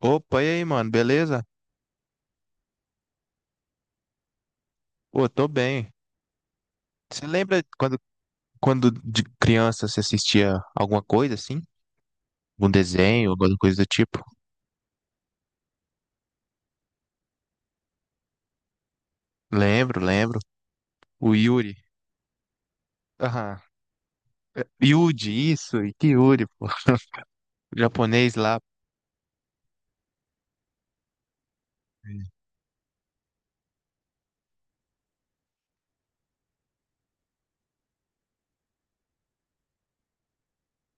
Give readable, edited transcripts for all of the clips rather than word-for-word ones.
Opa, e aí, mano, beleza? Pô, tô bem. Você lembra quando, de criança você assistia alguma coisa assim? Um desenho, alguma coisa do tipo? Lembro, lembro. O Yuri. Aham. É, Yudi, isso, e que Yuri, pô. O japonês lá.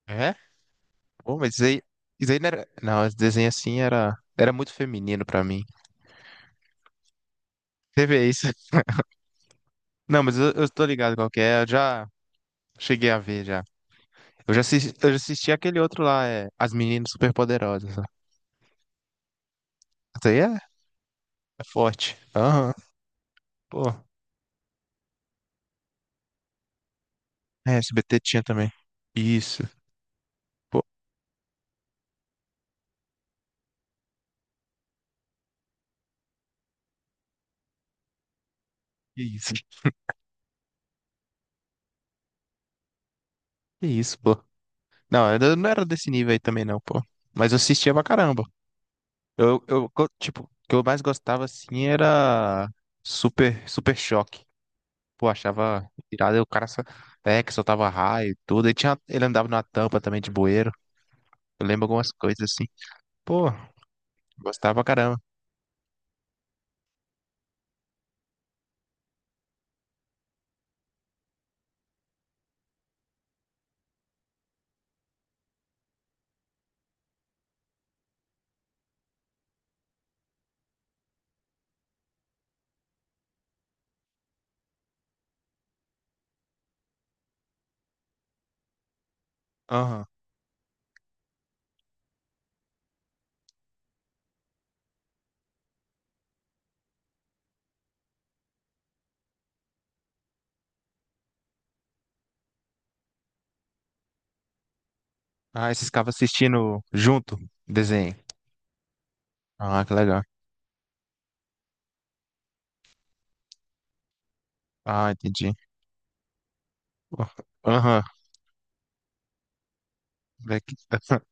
É? Pô, mas isso aí não era. Não, esse desenho assim era, muito feminino pra mim. Você vê isso? Não, mas eu tô ligado qual que é, eu já cheguei a ver já. Eu já assisti aquele outro lá, é As Meninas Superpoderosas. Isso aí é é forte. Aham. Pô. É, SBT tinha também. Isso. Pô, que isso. Que isso, pô. Não, eu não era desse nível aí também, não, pô. Mas eu assistia pra caramba. Tipo, o que eu mais gostava, assim, era Super Choque. Pô, achava irado. Aí o cara só, é, que soltava raio e tudo. E tinha, ele andava numa tampa também de bueiro. Eu lembro algumas coisas, assim. Pô, gostava pra caramba. Aham. Ah, esses caras assistindo junto, desenho. Ah, que legal. Ah, entendi. Oh, aham, back...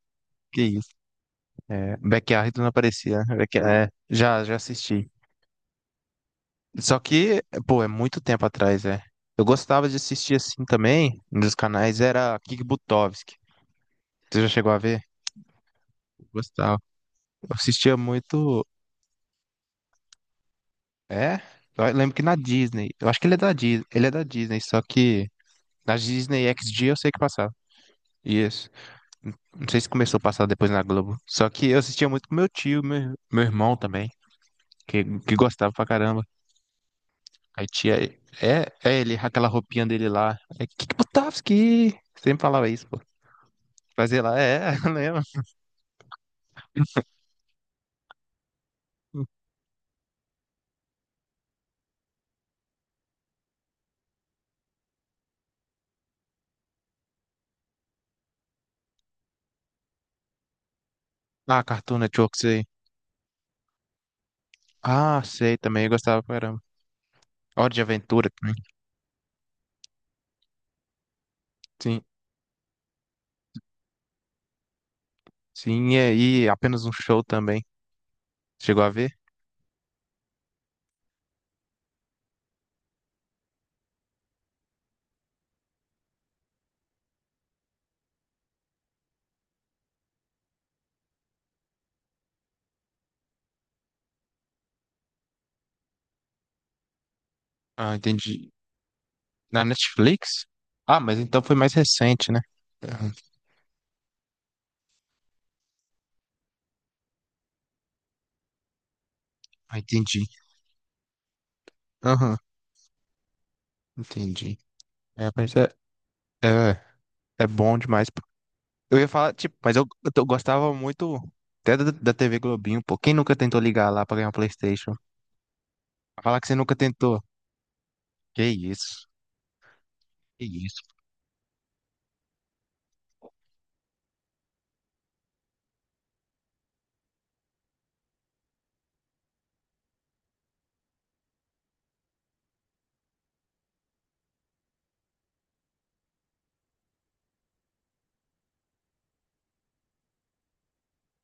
que isso. É, Backyard não aparecia, né? Back... É, já, já assisti. Só que, pô, é muito tempo atrás, é. Eu gostava de assistir assim também, nos canais, era Kik Butovski. Você já chegou a ver? Eu gostava. Eu assistia muito. É? Eu lembro que na Disney. Eu acho que ele é da Disney. Ele é da Disney, só que na Disney XD eu sei que passava. Isso. Não sei se começou a passar depois na Globo. Só que eu assistia muito com meu tio, meu irmão também, que gostava pra caramba. Aí tinha. É, é ele, aquela roupinha dele lá. É Kikbutovski! Sempre falava isso, pô. Fazia lá, é, lembra? Ah, Cartoon Network, sei. Ah, sei também, eu gostava pra caramba. Hora de Aventura também. Sim, sim, e aí Apenas um Show também. Chegou a ver? Ah, entendi. Na Netflix? Ah, mas então foi mais recente, né? Aham. Ah, entendi. Aham, entendi. É, mas é, é, é bom demais. Eu ia falar, tipo, mas eu, gostava muito até da, da TV Globinho, pô. Quem nunca tentou ligar lá pra ganhar um PlayStation? Falar que você nunca tentou. Que isso? Que isso?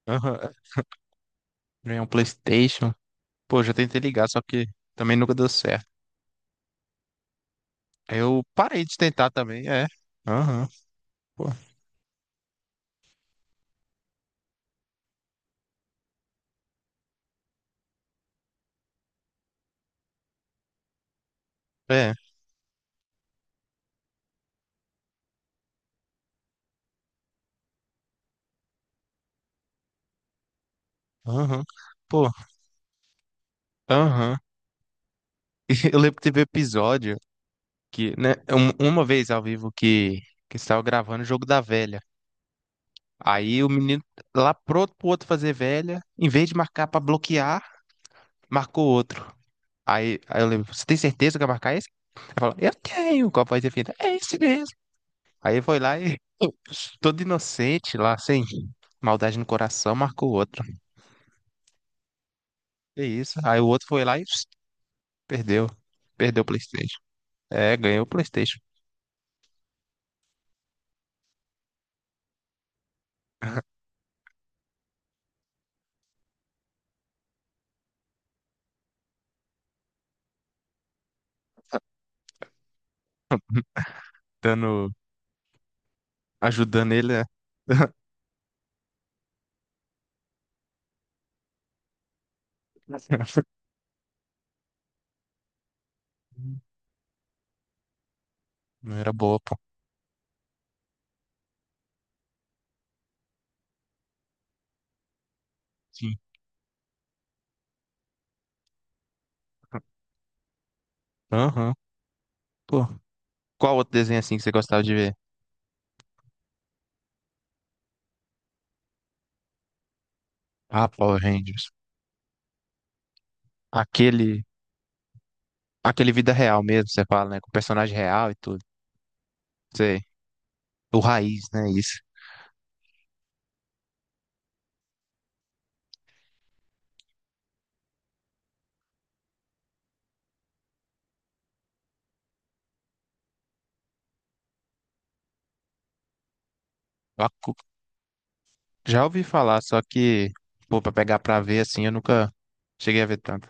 Aham. Ganhar um PlayStation? Pô, já tentei ligar, só que também nunca deu certo. Aí eu parei de tentar também, é. Aham. Pô, é. Aham. Pô, aham. Eu lembro que teve episódio que, né, uma vez ao vivo que estava gravando o jogo da velha. Aí o menino lá pronto pro outro fazer velha, em vez de marcar pra bloquear, marcou outro. Aí eu lembro, você tem certeza que vai marcar esse? Ele falou, eu tenho, com a voz definida, é esse mesmo. Aí foi lá e, todo inocente lá, sem maldade no coração, marcou outro. É isso. Aí o outro foi lá e perdeu. Perdeu o PlayStation. É, ganhou o PlayStation. Dando, ajudando ele, né? Não era boa, pô. Sim. Aham. Pô, qual outro desenho assim que você gostava de ver? Ah, Power Rangers. Aquele, aquele vida real mesmo, você fala, né? Com personagem real e tudo. Sei. O raiz, né? Isso. Eu acu- Já ouvi falar, só que, pô, pra pegar pra ver assim, eu nunca cheguei a ver tanto.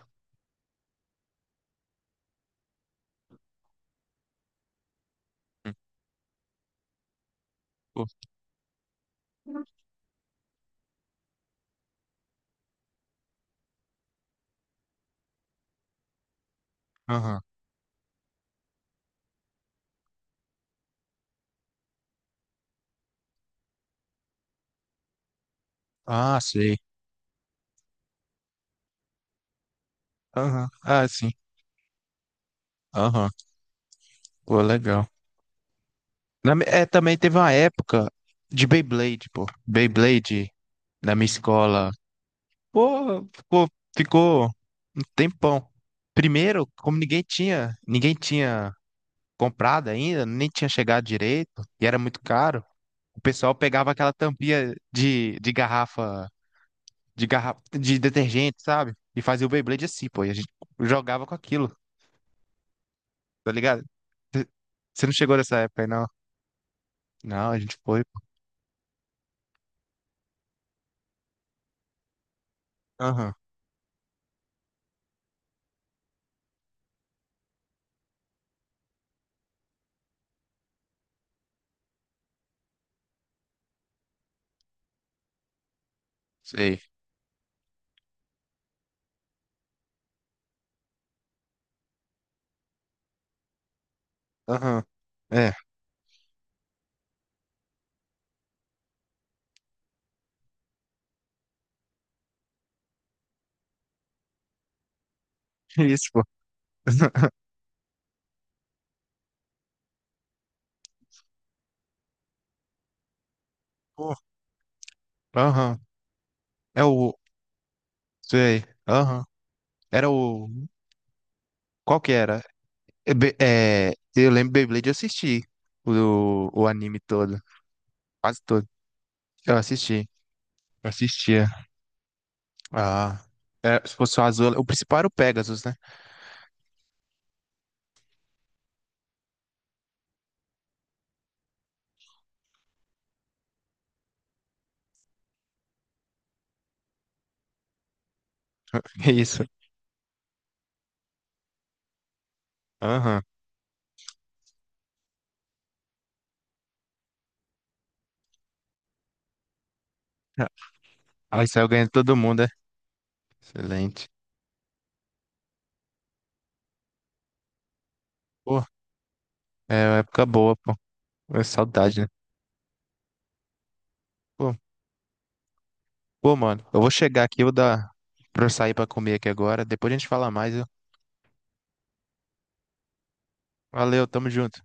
Hum, pô. Aham. Ah, sei. Aham. Ah, sim. Aham. Pô, legal. É, também teve uma época de Beyblade, pô. Beyblade na minha escola. Pô, ficou, ficou um tempão. Primeiro, como ninguém tinha comprado ainda, nem tinha chegado direito, e era muito caro, o pessoal pegava aquela tampinha de garrafa, de detergente, sabe? E fazia o Beyblade assim, pô, e a gente jogava com aquilo, tá ligado? Você não chegou nessa época aí, não? Não, a gente foi. Pô. Aham, sei. Aham, é, isso, pô. Pô, aham, é o, sei, aham. Era o, qual que era? É, é, eu lembro Beyblade, eu assisti o anime todo, quase todo. Eu assisti, eu assistia. Ah, é, se fosse o azul, o principal era o Pegasus, né? Isso. Aham. Aí saiu ganhando todo mundo, né? Excelente. Pô, é uma época boa, pô. É saudade, né? Pô, pô, mano, eu vou chegar aqui, eu vou dar pra eu sair pra comer aqui agora. Depois a gente fala mais, viu? Valeu, tamo junto.